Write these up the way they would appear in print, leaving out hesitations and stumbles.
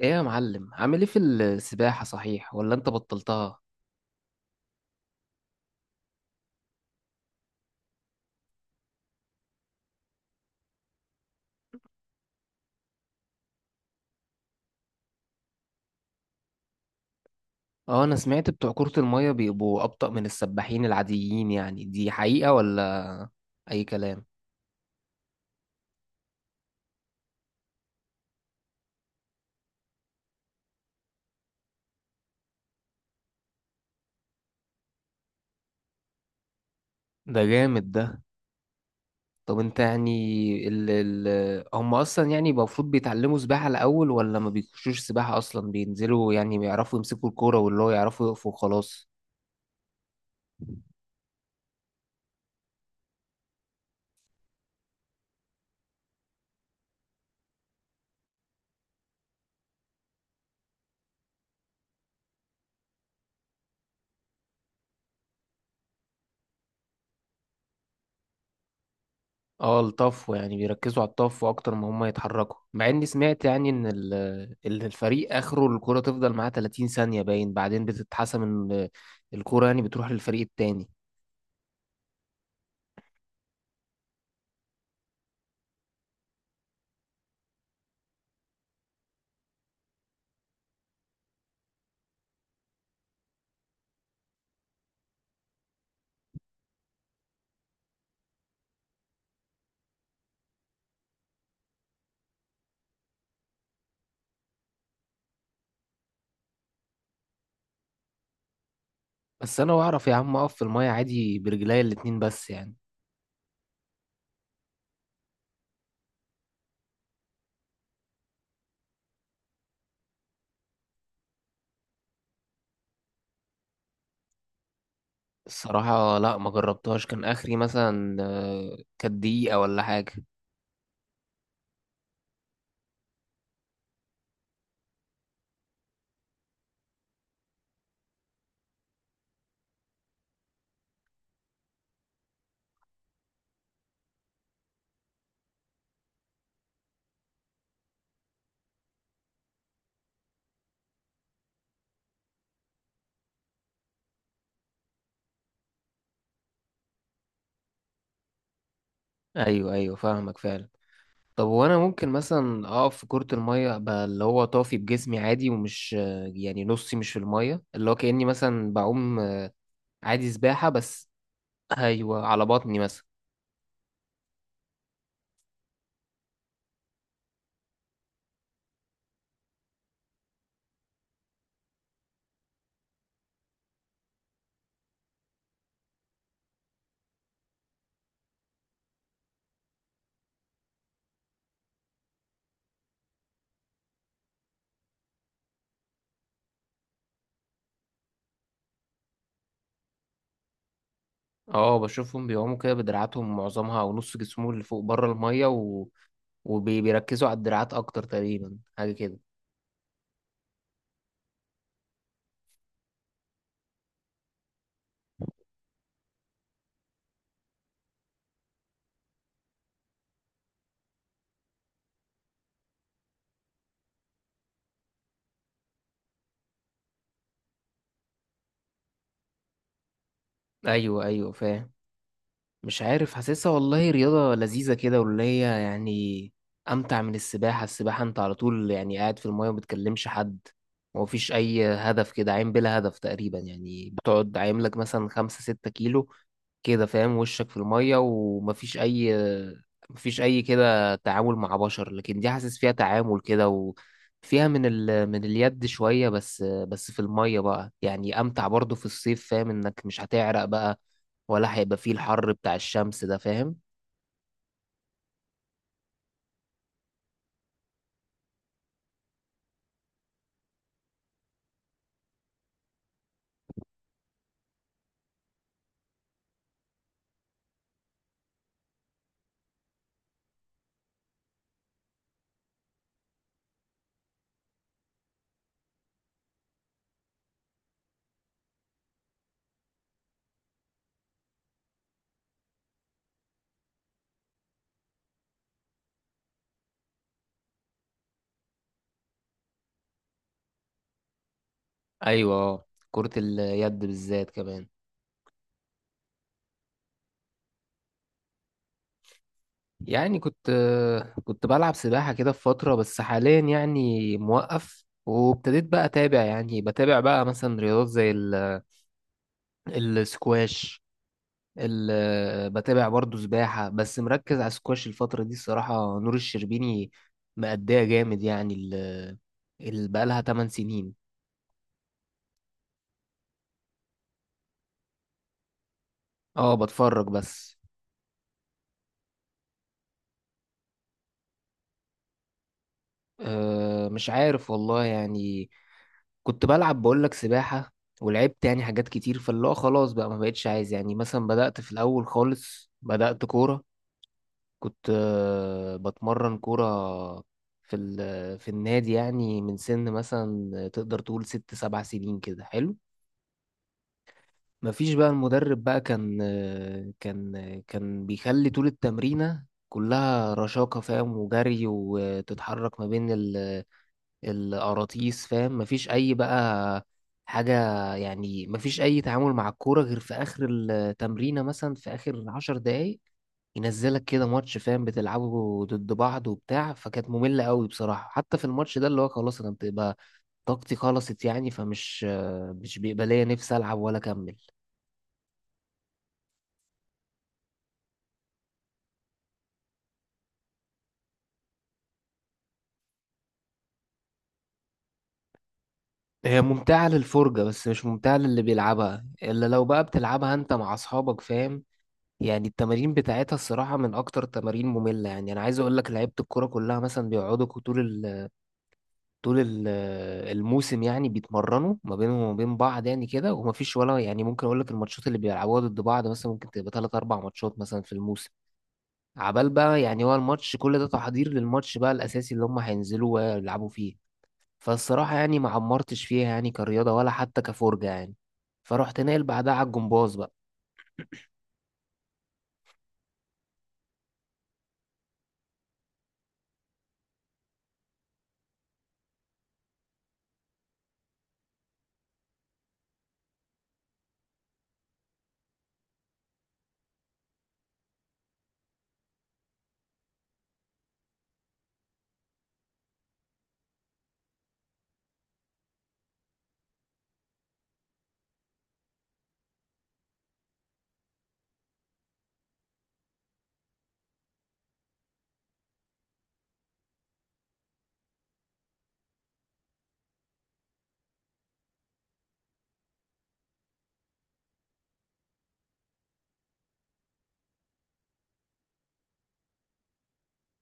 ايه يا معلم، عامل ايه في السباحة؟ صحيح ولا انت بطلتها؟ اه، انا سمعت بتوع كرة المية بيبقوا ابطأ من السباحين العاديين، يعني دي حقيقة ولا اي كلام؟ ده جامد ده. طب انت يعني ال ال هم اصلا يعني المفروض بيتعلموا سباحة الاول ولا ما بيخشوش سباحة اصلا، بينزلوا يعني بيعرفوا يمسكوا الكورة واللي هو يعرفوا يقفوا وخلاص؟ اه الطفو، يعني بيركزوا على الطفو اكتر ما هم يتحركوا، مع اني سمعت يعني ان الفريق اخره الكرة تفضل معاه 30 ثانية باين، بعدين بتتحسم ان الكرة يعني بتروح للفريق التاني. بس انا بعرف يا عم اقف في المية عادي برجليا الاتنين بس يعني. الصراحة لا، ما جربتهاش، كان اخري مثلا كانت دقيقة ولا حاجة. ايوه ايوه، فاهمك فعلا. طب وانا ممكن مثلا اقف في كرة المية ابقى اللي هو طافي بجسمي عادي ومش يعني نصي مش في المية، اللي هو كأني مثلا بعوم عادي سباحة بس. أيوة، على بطني مثلا. اه بشوفهم بيقوموا كده بدراعاتهم معظمها أو نص جسمهم اللي فوق بره المية وبيركزوا على الدراعات أكتر، تقريبا حاجة كده. أيوة أيوة فاهم. مش عارف حاسسها والله رياضة لذيذة كده، واللي هي يعني أمتع من السباحة. السباحة أنت على طول يعني قاعد في المية ومبتكلمش حد ومفيش أي هدف، كده عايم بلا هدف تقريبا، يعني بتقعد عايم لك مثلا 5 6 كيلو كده فاهم، وشك في المية ومفيش أي مفيش أي كده تعامل مع بشر، لكن دي حاسس فيها تعامل كده وفيها من اليد شوية، بس بس في المية بقى يعني أمتع برضو في الصيف، فاهم إنك مش هتعرق بقى ولا هيبقى فيه الحر بتاع الشمس ده، فاهم. أيوة، كرة اليد بالذات كمان. يعني كنت بلعب سباحة كده في فترة بس حاليا يعني موقف، وابتديت بقى أتابع يعني بتابع بقى مثلا رياضات زي السكواش. بتابع برضو سباحة بس مركز على السكواش الفترة دي الصراحة. نور الشربيني مأدية جامد، يعني بقالها 8 سنين. اه بتفرج بس. أه مش عارف والله يعني، كنت بلعب بقولك سباحة ولعبت يعني حاجات كتير، فاللي هو خلاص بقى ما بقتش عايز، يعني مثلا بدأت في الأول خالص بدأت كورة. كنت بتمرن كورة في النادي يعني من سن مثلا تقدر تقول 6 7 سنين كده حلو. مفيش بقى، المدرب بقى كان كان بيخلي طول التمرينة كلها رشاقة فاهم، وجري وتتحرك ما بين القراطيس فاهم، مفيش اي بقى حاجة. يعني مفيش اي تعامل مع الكورة غير في اخر التمرينة، مثلا في اخر 10 دقايق ينزلك كده ماتش، فاهم، بتلعبه ضد بعض وبتاع، فكانت مملة قوي بصراحة، حتى في الماتش ده اللي هو خلاص انا بتبقى طاقتي خلصت يعني مش بيبقى ليا نفسي العب ولا اكمل. هي ممتعة للفرجة بس مش ممتعة للي بيلعبها، إلا لو بقى بتلعبها أنت مع أصحابك، فاهم. يعني التمارين بتاعتها الصراحة من أكتر التمارين مملة، يعني أنا عايز أقول لك لعيبة الكورة كلها مثلا بيقعدوا طول ال طول ال الموسم يعني بيتمرنوا ما بينهم وما بين بعض يعني كده، ومفيش ولا يعني، ممكن أقول لك الماتشات اللي بيلعبوها ضد بعض مثلا ممكن تبقى 3 4 ماتشات مثلا في الموسم. عبال بقى، يعني هو الماتش كل ده تحضير للماتش بقى الأساسي اللي هم هينزلوا ويلعبوا فيه. فالصراحة يعني ما عمرتش فيها يعني كرياضة ولا حتى كفرجة يعني. فرحت ناقل بعدها على الجمباز.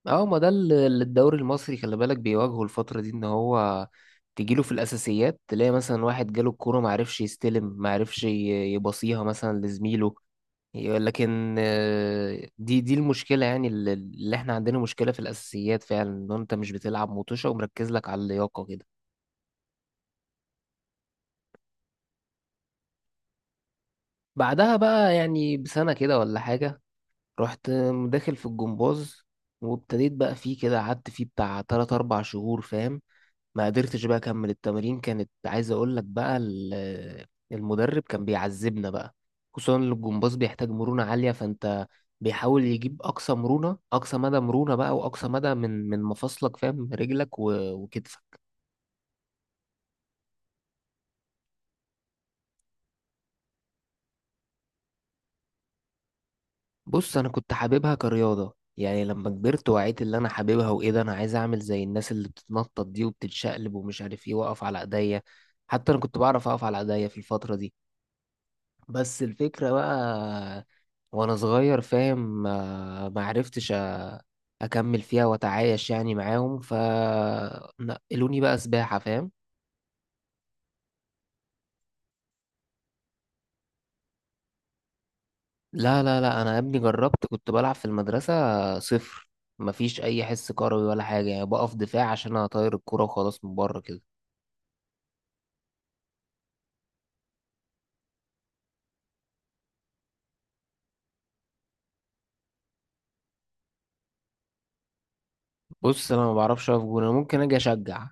اه، ما ده اللي اللي الدوري المصري خلي بالك بيواجهه الفترة دي، ان هو تجيله في الأساسيات تلاقي مثلا واحد جاله الكورة معرفش يستلم معرفش يبصيها مثلا لزميله. لكن دي المشكلة يعني اللي احنا عندنا مشكلة في الأساسيات فعلا، ان انت مش بتلعب مطوشة ومركز لك على اللياقة كده. بعدها بقى يعني بسنة كده ولا حاجة. رحت داخل في الجمباز، وابتديت بقى فيه كده، قعدت فيه بتاع 3 4 شهور فاهم، ما قدرتش بقى اكمل التمرين، كانت عايز اقول لك بقى المدرب كان بيعذبنا بقى، خصوصا إن الجمباز بيحتاج مرونة عالية، فانت بيحاول يجيب اقصى مرونة، اقصى مدى مرونة بقى واقصى مدى من مفاصلك فاهم، رجلك وكتفك. بص انا كنت حاببها كرياضة، يعني لما كبرت وعيت اللي انا حاببها، وايه ده انا عايز اعمل زي الناس اللي بتتنطط دي وبتتشقلب ومش عارف ايه، واقف على ايديا. حتى انا كنت بعرف اقف على ايديا في الفترة دي. بس الفكرة بقى وانا صغير فاهم، ما عرفتش اكمل فيها واتعايش يعني معاهم، فنقلوني بقى سباحة، فاهم. لا لا لا، انا يا ابني جربت كنت بلعب في المدرسة صفر، مفيش اي حس كروي ولا حاجة، يعني بقف دفاع عشان اطير الكرة وخلاص من بره كده. بص انا ما بعرفش اقف جون، انا ممكن اجي اشجع.